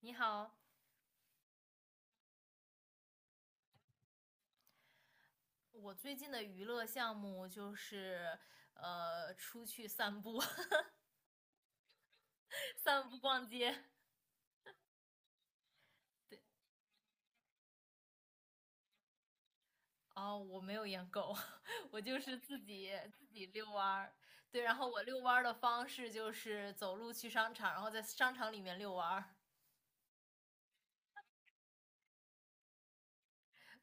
你好，我最近的娱乐项目就是出去散步、散步、逛街。对，哦，我没有养狗，我就是自己遛弯儿。对，然后我遛弯儿的方式就是走路去商场，然后在商场里面遛弯儿。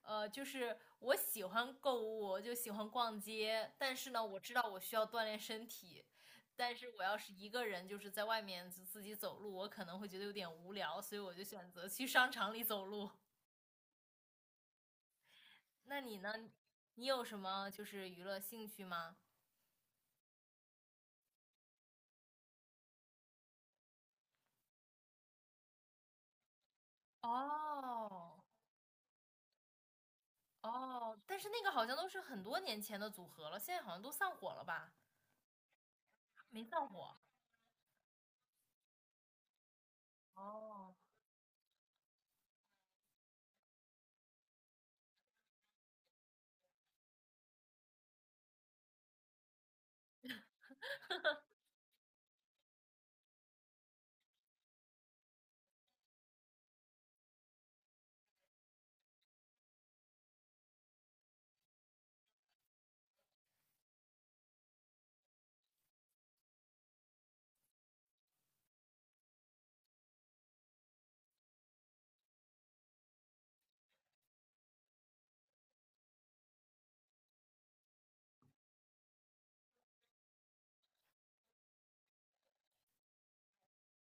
就是我喜欢购物，就喜欢逛街，但是呢，我知道我需要锻炼身体，但是我要是一个人，就是在外面就自己走路，我可能会觉得有点无聊，所以我就选择去商场里走路。那你呢？你有什么就是娱乐兴趣吗？哦哦，但是那个好像都是很多年前的组合了，现在好像都散伙了吧？没散伙。哦，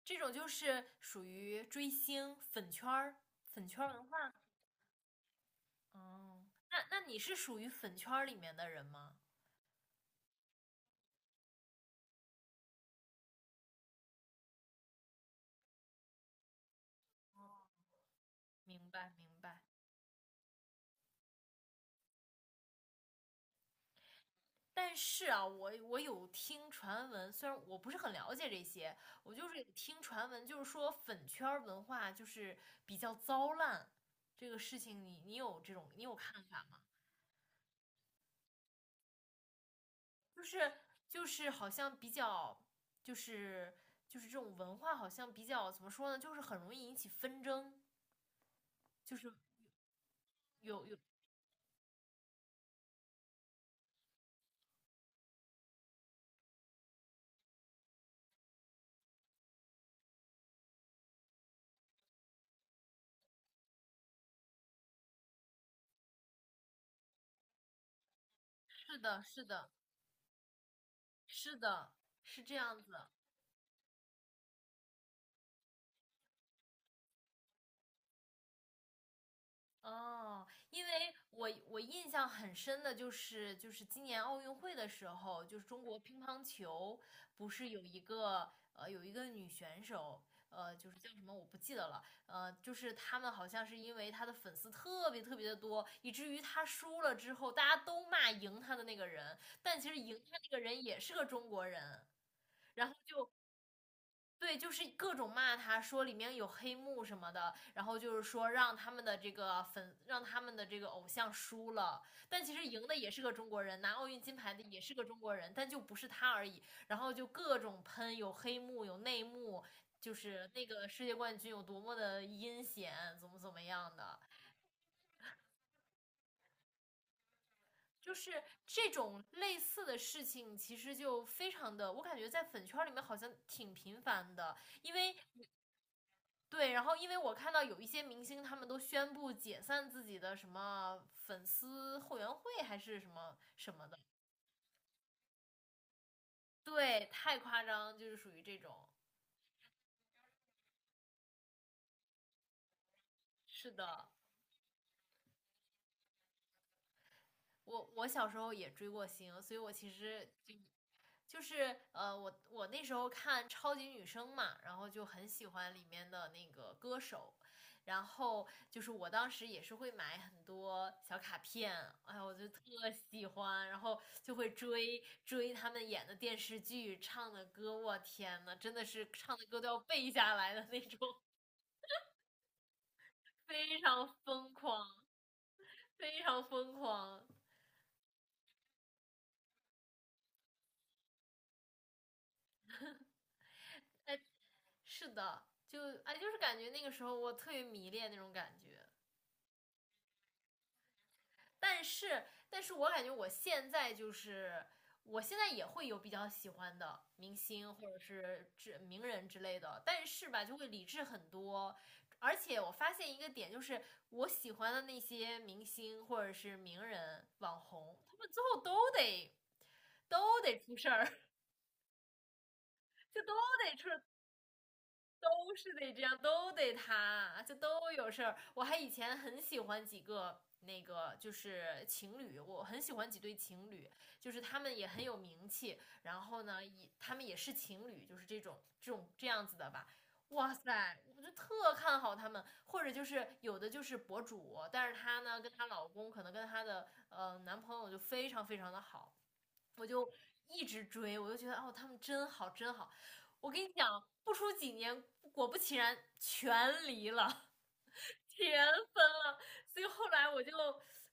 这种就是属于追星粉圈儿、粉圈儿文化。哦，那你是属于粉圈儿里面的人吗？明白明白。但是啊，我有听传闻，虽然我不是很了解这些，我就是有听传闻，就是说粉圈儿文化就是比较糟烂，这个事情你有这种你有看法吗？就是就是好像比较就是就是这种文化好像比较怎么说呢，就是很容易引起纷争，就是有有是的，是的，是的，是这样子。哦，因为我印象很深的就是，就是今年奥运会的时候，就是中国乒乓球不是有一个有一个女选手，就是叫什么我不记得了，就是他们好像是因为她的粉丝特别的多，以至于她输了之后，大家都骂赢她的那个人，但其实赢她那个人也是个中国人。对，就是各种骂他，说里面有黑幕什么的，然后就是说让他们的这个粉，让他们的这个偶像输了，但其实赢的也是个中国人，拿奥运金牌的也是个中国人，但就不是他而已。然后就各种喷，有黑幕，有内幕，就是那个世界冠军有多么的阴险，怎么样的。就是这种类似的事情，其实就非常的，我感觉在粉圈里面好像挺频繁的，因为对，然后因为我看到有一些明星，他们都宣布解散自己的什么粉丝后援会还是什么什么的，对，太夸张，就是属于这种。是的，我小时候也追过星，所以我其实就是我那时候看超级女声嘛，然后就很喜欢里面的那个歌手，然后就是我当时也是会买很多小卡片，哎呀，我就特喜欢，然后就会追他们演的电视剧、唱的歌，我天呐，真的是唱的歌都要背下来的那种，非常疯狂，非常疯狂。是的，就哎，就是感觉那个时候我特别迷恋那种感觉。但是，但是我感觉我现在就是，我现在也会有比较喜欢的明星或者是之名人之类的，但是吧，就会理智很多。而且我发现一个点，就是我喜欢的那些明星或者是名人、网红，他们最后都得出事儿，就都得出都是得这样，都得他，就都有事儿。我还以前很喜欢几个那个就是情侣，我很喜欢几对情侣，就是他们也很有名气，然后呢，也他们也是情侣，就是这种这样子的吧。哇塞，我就特看好他们，或者就是有的就是博主，但是她呢跟她老公可能跟她的男朋友就非常的好，我就一直追，我就觉得哦，他们真好，真好。我跟你讲，不出几年，果不其然，全离了，全分了。所以后来我就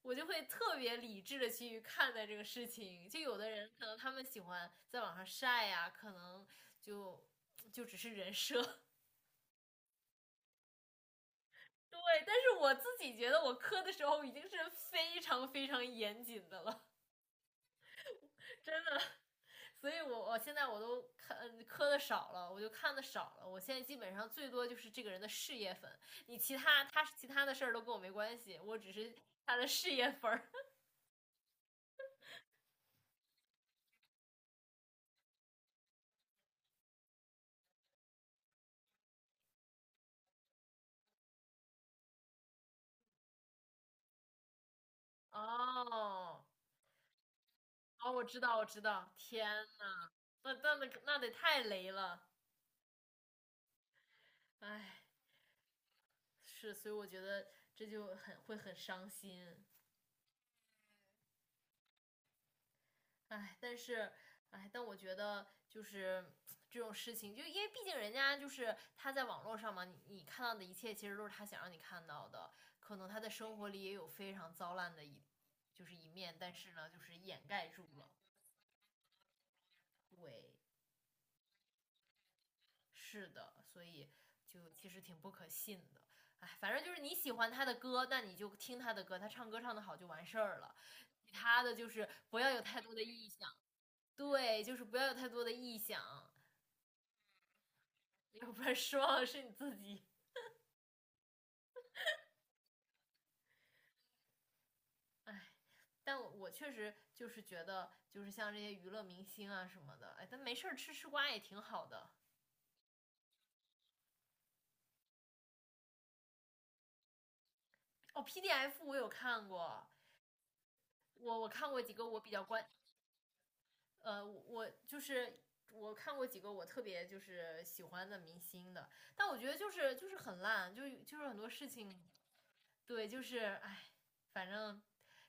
会特别理智的去看待这个事情。就有的人可能他们喜欢在网上晒呀、可能就就只是人设。对，但是我自己觉得我磕的时候已经是非常严谨的了。真的。所以我现在我都看磕的少了，我就看的少了。我现在基本上最多就是这个人的事业粉，你其他他其他的事儿都跟我没关系，我只是他的事业粉儿。哦，哦，我知道，我知道，天，那得太雷了，哎，是，所以我觉得这就很会很伤心。哎，但是，哎，但我觉得就是这种事情，就因为毕竟人家就是他在网络上嘛，你看到的一切其实都是他想让你看到的，可能他在生活里也有非常糟烂的就是一面，但是呢，就是掩盖住了。对，是的，所以就其实挺不可信的。哎，反正就是你喜欢他的歌，那你就听他的歌，他唱歌唱得好就完事儿了。其他的就是不要有太多的臆想，对，就是不要有太多的臆想。要不然失望的是你自己。哎，但我确实就是觉得，就是像这些娱乐明星啊什么的，哎，但没事儿吃吃瓜也挺好的。哦，PDF 我有看过，我看过几个我比较关，我就是我看过几个我特别就是喜欢的明星的，但我觉得就是很烂，就是很多事情，对，就是哎，反正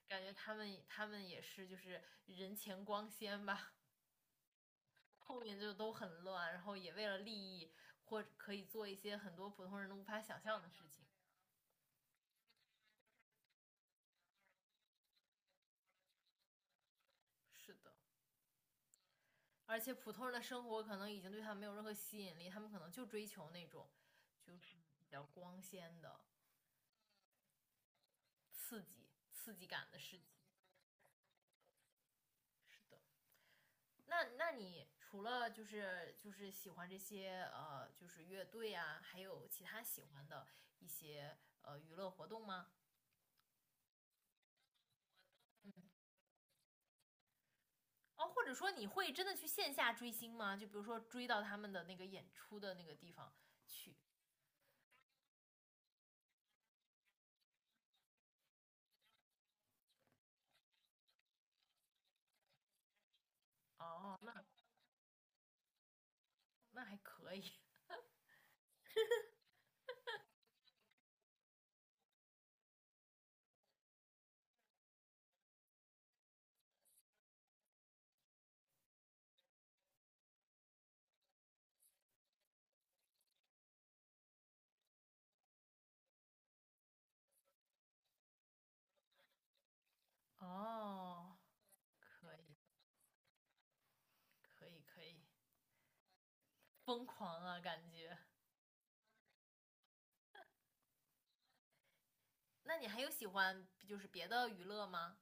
感觉他们也是就是人前光鲜吧。后面就都很乱，然后也为了利益或者可以做一些很多普通人都无法想象的事情。是的，而且普通人的生活可能已经对他们没有任何吸引力，他们可能就追求那种就是比较光鲜的刺激、刺激感的事情。是的，那你除了就是喜欢这些就是乐队啊，还有其他喜欢的一些娱乐活动吗？哦，或者说你会真的去线下追星吗？就比如说追到他们的那个演出的那个地方去。哦，那那还可以。哦，可以，可以，可以，疯狂啊，感觉。那你还有喜欢就是别的娱乐吗？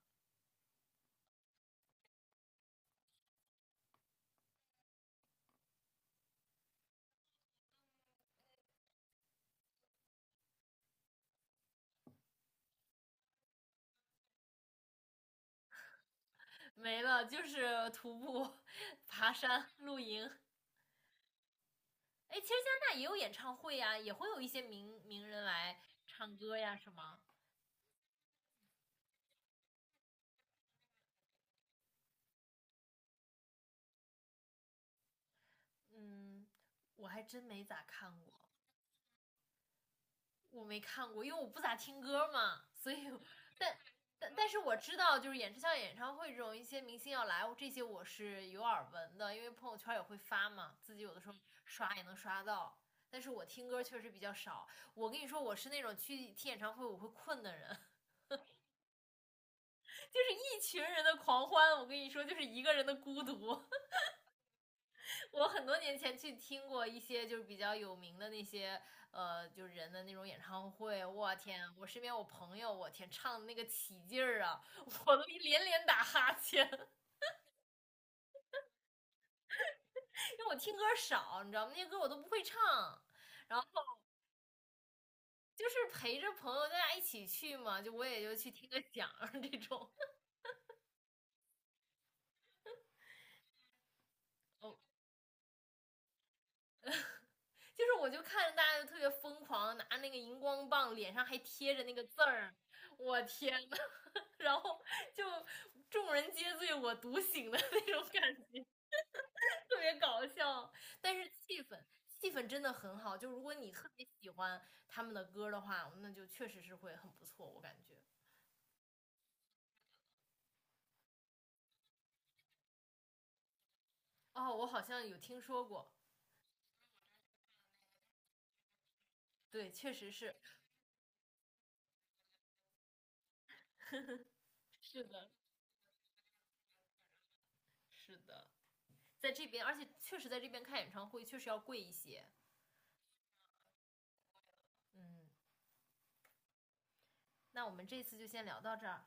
没了，就是徒步、爬山、露营。哎，其实加拿大也有演唱会呀、也会有一些名人来唱歌呀，是吗？嗯，我还真没咋看过。我没看过，因为我不咋听歌嘛，所以但但是我知道，就是演唱会这种一些明星要来，这些我是有耳闻的，因为朋友圈也会发嘛，自己有的时候刷也能刷到。但是我听歌确实比较少。我跟你说，我是那种去听演唱会我会困的人，就是一群人的狂欢，我跟你说就是一个人的孤独。我很多年前去听过一些就是比较有名的那些就是人的那种演唱会，我天啊！我身边我朋友，我天，唱的那个起劲儿啊，我都连连打哈欠，因为我听歌少，你知道吗？那些歌我都不会唱，然后就是陪着朋友大家一起去嘛，就我也就去听个响儿这种。我就是我就看着大家就特别疯狂，拿那个荧光棒，脸上还贴着那个字儿，我天呐，然后就众人皆醉我独醒的那种感觉，特别搞笑，但是气氛。气氛真的很好，就如果你特别喜欢他们的歌的话，那就确实是会很不错，我感觉。哦，我好像有听说过，对，确实是，是的，是的，在这边，而且确实在这边看演唱会确实要贵一些。嗯，那我们这次就先聊到这儿。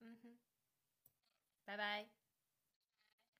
嗯哼，拜拜。